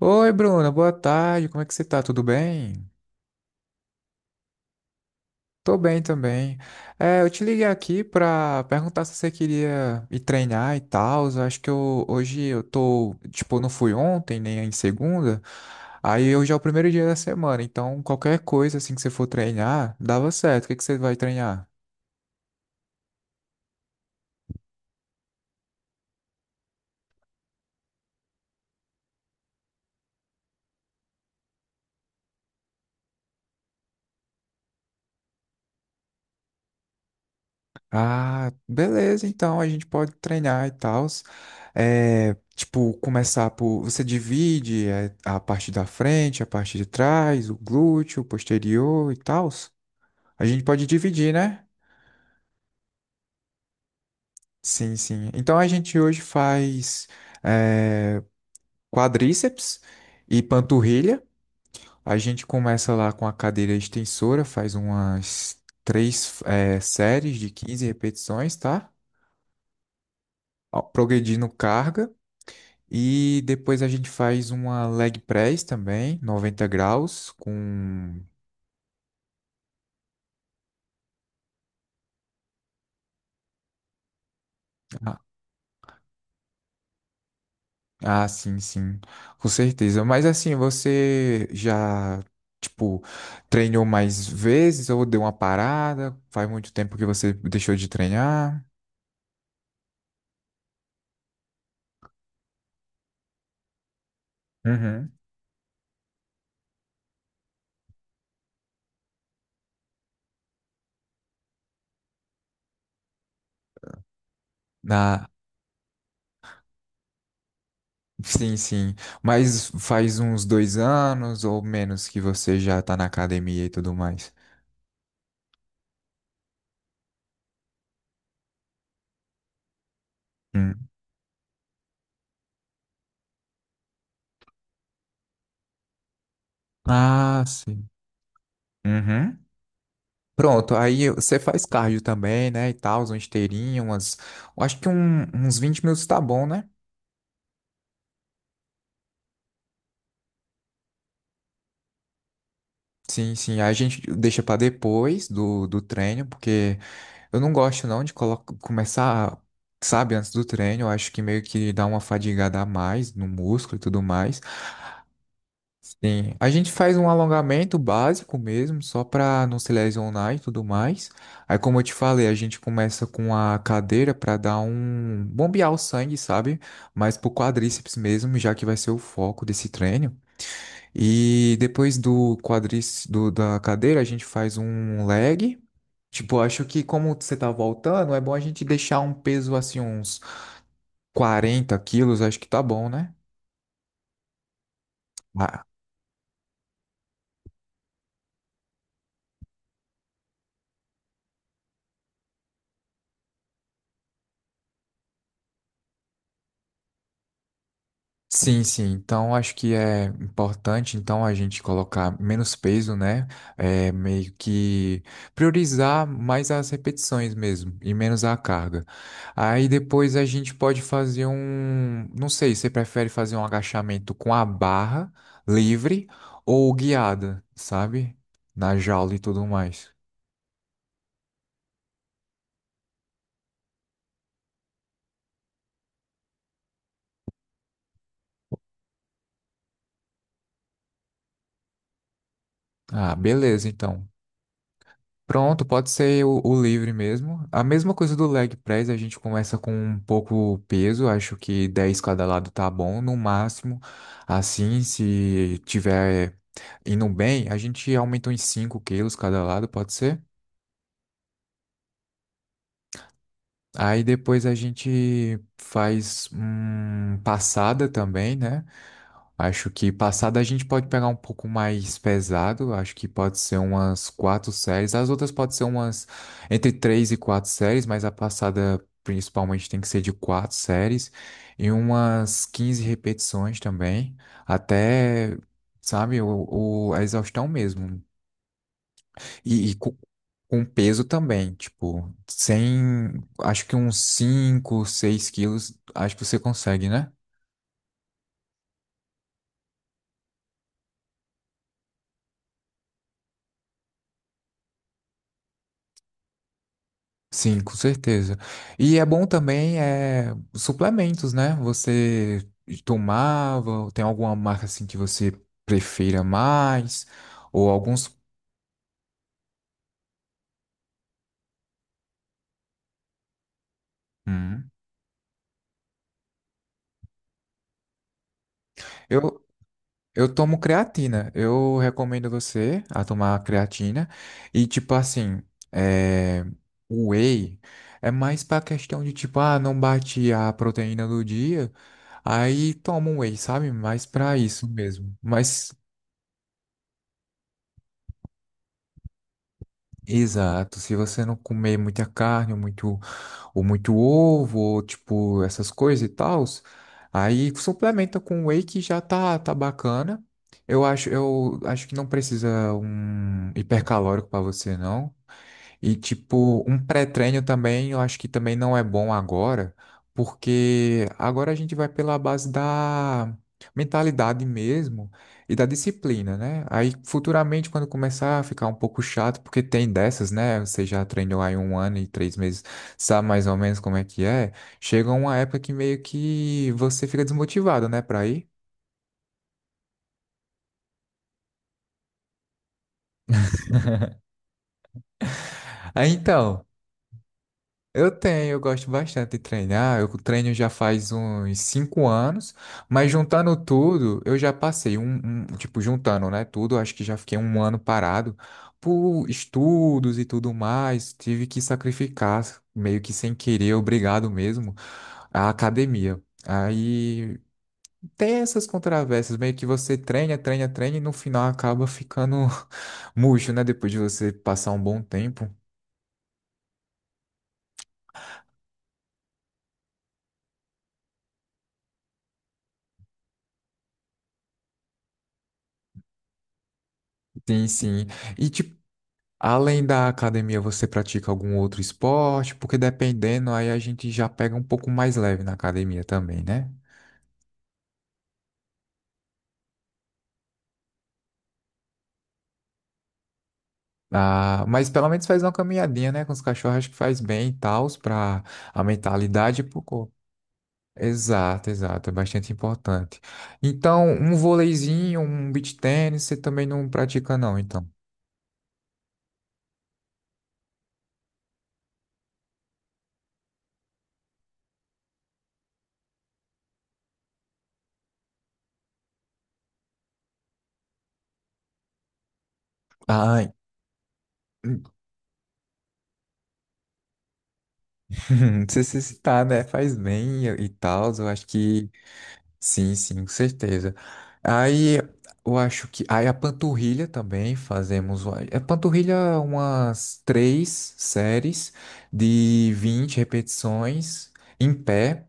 Oi, Bruna, boa tarde. Como é que você tá? Tudo bem? Tô bem também. É, eu te liguei aqui pra perguntar se você queria ir treinar e tal. Eu acho que hoje eu tô, tipo, não fui ontem, nem em segunda. Aí hoje é o primeiro dia da semana, então qualquer coisa assim que você for treinar, dava certo. O que que você vai treinar? Ah, beleza, então a gente pode treinar e tal. É, tipo, começar por. Você divide a parte da frente, a parte de trás, o glúteo, o posterior e tal. A gente pode dividir, né? Sim, sim. Então a gente hoje faz é, quadríceps e panturrilha. A gente começa lá com a cadeira extensora, faz umas três séries de 15 repetições, tá? Ó, progredindo carga. E depois a gente faz uma leg press também, 90 graus, com. Ah, ah, sim, sim, com certeza. Mas assim, você já, tipo, treinou mais vezes ou deu uma parada? Faz muito tempo que você deixou de treinar? Uhum. Na... Sim, sim. Mas faz uns 2 anos ou menos que você já tá na academia e tudo mais. Hum. Ah, sim. Uhum. Pronto, aí você faz cardio também, né, e tal, uma esteirinha, eu acho que uns 20 minutos tá bom, né? Sim, sim, aí a gente deixa pra depois do treino, porque eu não gosto não de começar, sabe, antes do treino, eu acho que meio que dá uma fadigada a mais no músculo e tudo mais. Sim, a gente faz um alongamento básico mesmo, só para não se lesionar e tudo mais. Aí, como eu te falei, a gente começa com a cadeira para dar um bombear o sangue, sabe? Mas pro quadríceps mesmo, já que vai ser o foco desse treino. E depois do quadríceps da cadeira, a gente faz um leg. Tipo, acho que como você tá voltando, é bom a gente deixar um peso assim, uns 40 quilos, acho que tá bom, né? Ah, sim, sim. Então, acho que é importante, então, a gente colocar menos peso, né? É, meio que priorizar mais as repetições mesmo e menos a carga. Aí depois a gente pode fazer um, não sei, você prefere fazer um agachamento com a barra livre ou guiada, sabe? Na jaula e tudo mais. Ah, beleza, então. Pronto, pode ser o livre mesmo. A mesma coisa do leg press, a gente começa com um pouco peso, acho que 10 cada lado tá bom, no máximo. Assim, se tiver indo bem, a gente aumenta em 5 quilos cada lado, pode ser? Aí depois a gente faz passada também, né? Acho que passada a gente pode pegar um pouco mais pesado. Acho que pode ser umas quatro séries. As outras podem ser umas entre três e quatro séries, mas a passada principalmente tem que ser de quatro séries e umas 15 repetições também, até, sabe, a exaustão mesmo. E com peso também, tipo, sem, acho que uns 5, 6 quilos, acho que você consegue, né? Sim, com certeza. E é bom também suplementos, né? Você tomava, tem alguma marca assim que você prefira mais? Ou alguns. Hum. Eu, eu tomo creatina. Eu recomendo você a tomar creatina. E tipo assim, é, o whey é mais pra questão de tipo, ah, não bate a proteína do dia. Aí toma um whey, sabe? Mais pra isso mesmo. Mas. Exato, se você não comer muita carne, ou muito ovo, ou tipo, essas coisas e tal, aí suplementa com whey que já tá bacana. Eu acho que não precisa um hipercalórico para você, não. E tipo, um pré-treino também, eu acho que também não é bom agora, porque agora a gente vai pela base da mentalidade mesmo e da disciplina, né? Aí futuramente, quando começar a ficar um pouco chato, porque tem dessas, né? Você já treinou aí um ano e 3 meses, sabe mais ou menos como é que é. Chega uma época que meio que você fica desmotivado, né, pra ir. Aí, então. Eu tenho, eu gosto bastante de treinar. Eu treino já faz uns 5 anos, mas juntando tudo, eu já passei tipo, juntando, né, tudo, acho que já fiquei um ano parado por estudos e tudo mais. Tive que sacrificar, meio que sem querer, obrigado mesmo, a academia. Aí tem essas controvérsias, meio que você treina, treina, treina e no final acaba ficando murcho, né? Depois de você passar um bom tempo. Sim, sim. E tipo, além da academia, você pratica algum outro esporte? Porque dependendo, aí a gente já pega um pouco mais leve na academia também, né? Ah, mas pelo menos faz uma caminhadinha, né? Com os cachorros, acho que faz bem e tal, para a mentalidade e pro corpo. Exato, exato, é bastante importante. Então, um vôleizinho, um beach tênis, você também não pratica, não, então. Ai, não sei se citar, né? Faz bem e tal, eu acho que. Sim, sim, com certeza. Aí eu acho que. Aí a panturrilha também fazemos. A panturrilha, é umas três séries de 20 repetições em pé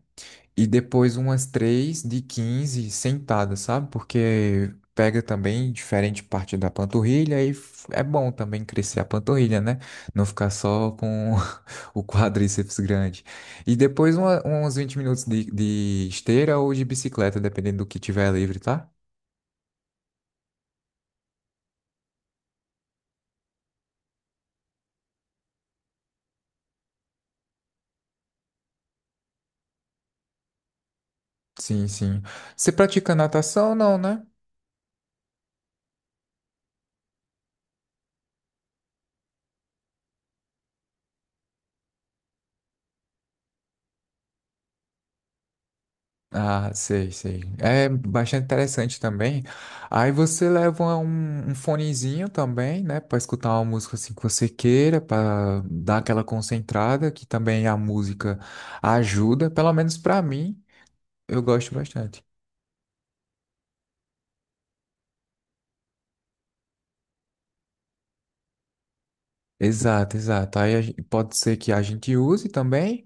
e depois umas três de 15 sentadas, sabe? Porque pega também diferente parte da panturrilha e é bom também crescer a panturrilha, né? Não ficar só com o quadríceps grande. E depois uns 20 minutos de esteira ou de bicicleta, dependendo do que tiver livre, tá? Sim, sim. Você pratica natação ou não, né? Ah, sei, sei. É bastante interessante também. Aí você leva um fonezinho também, né, pra escutar uma música assim que você queira, pra dar aquela concentrada, que também a música ajuda, pelo menos pra mim, eu gosto bastante. Exato, exato. Aí pode ser que a gente use também.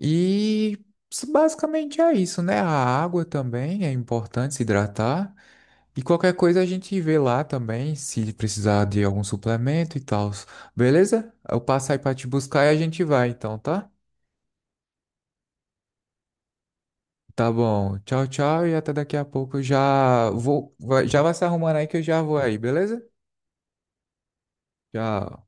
E basicamente é isso, né? A água também é importante se hidratar. E qualquer coisa a gente vê lá também, se precisar de algum suplemento e tal. Beleza? Eu passo aí pra te buscar e a gente vai, então, tá? Tá bom. Tchau, tchau. E até daqui a pouco. Eu já vou, já vai se arrumando aí que eu já vou aí, beleza? Tchau.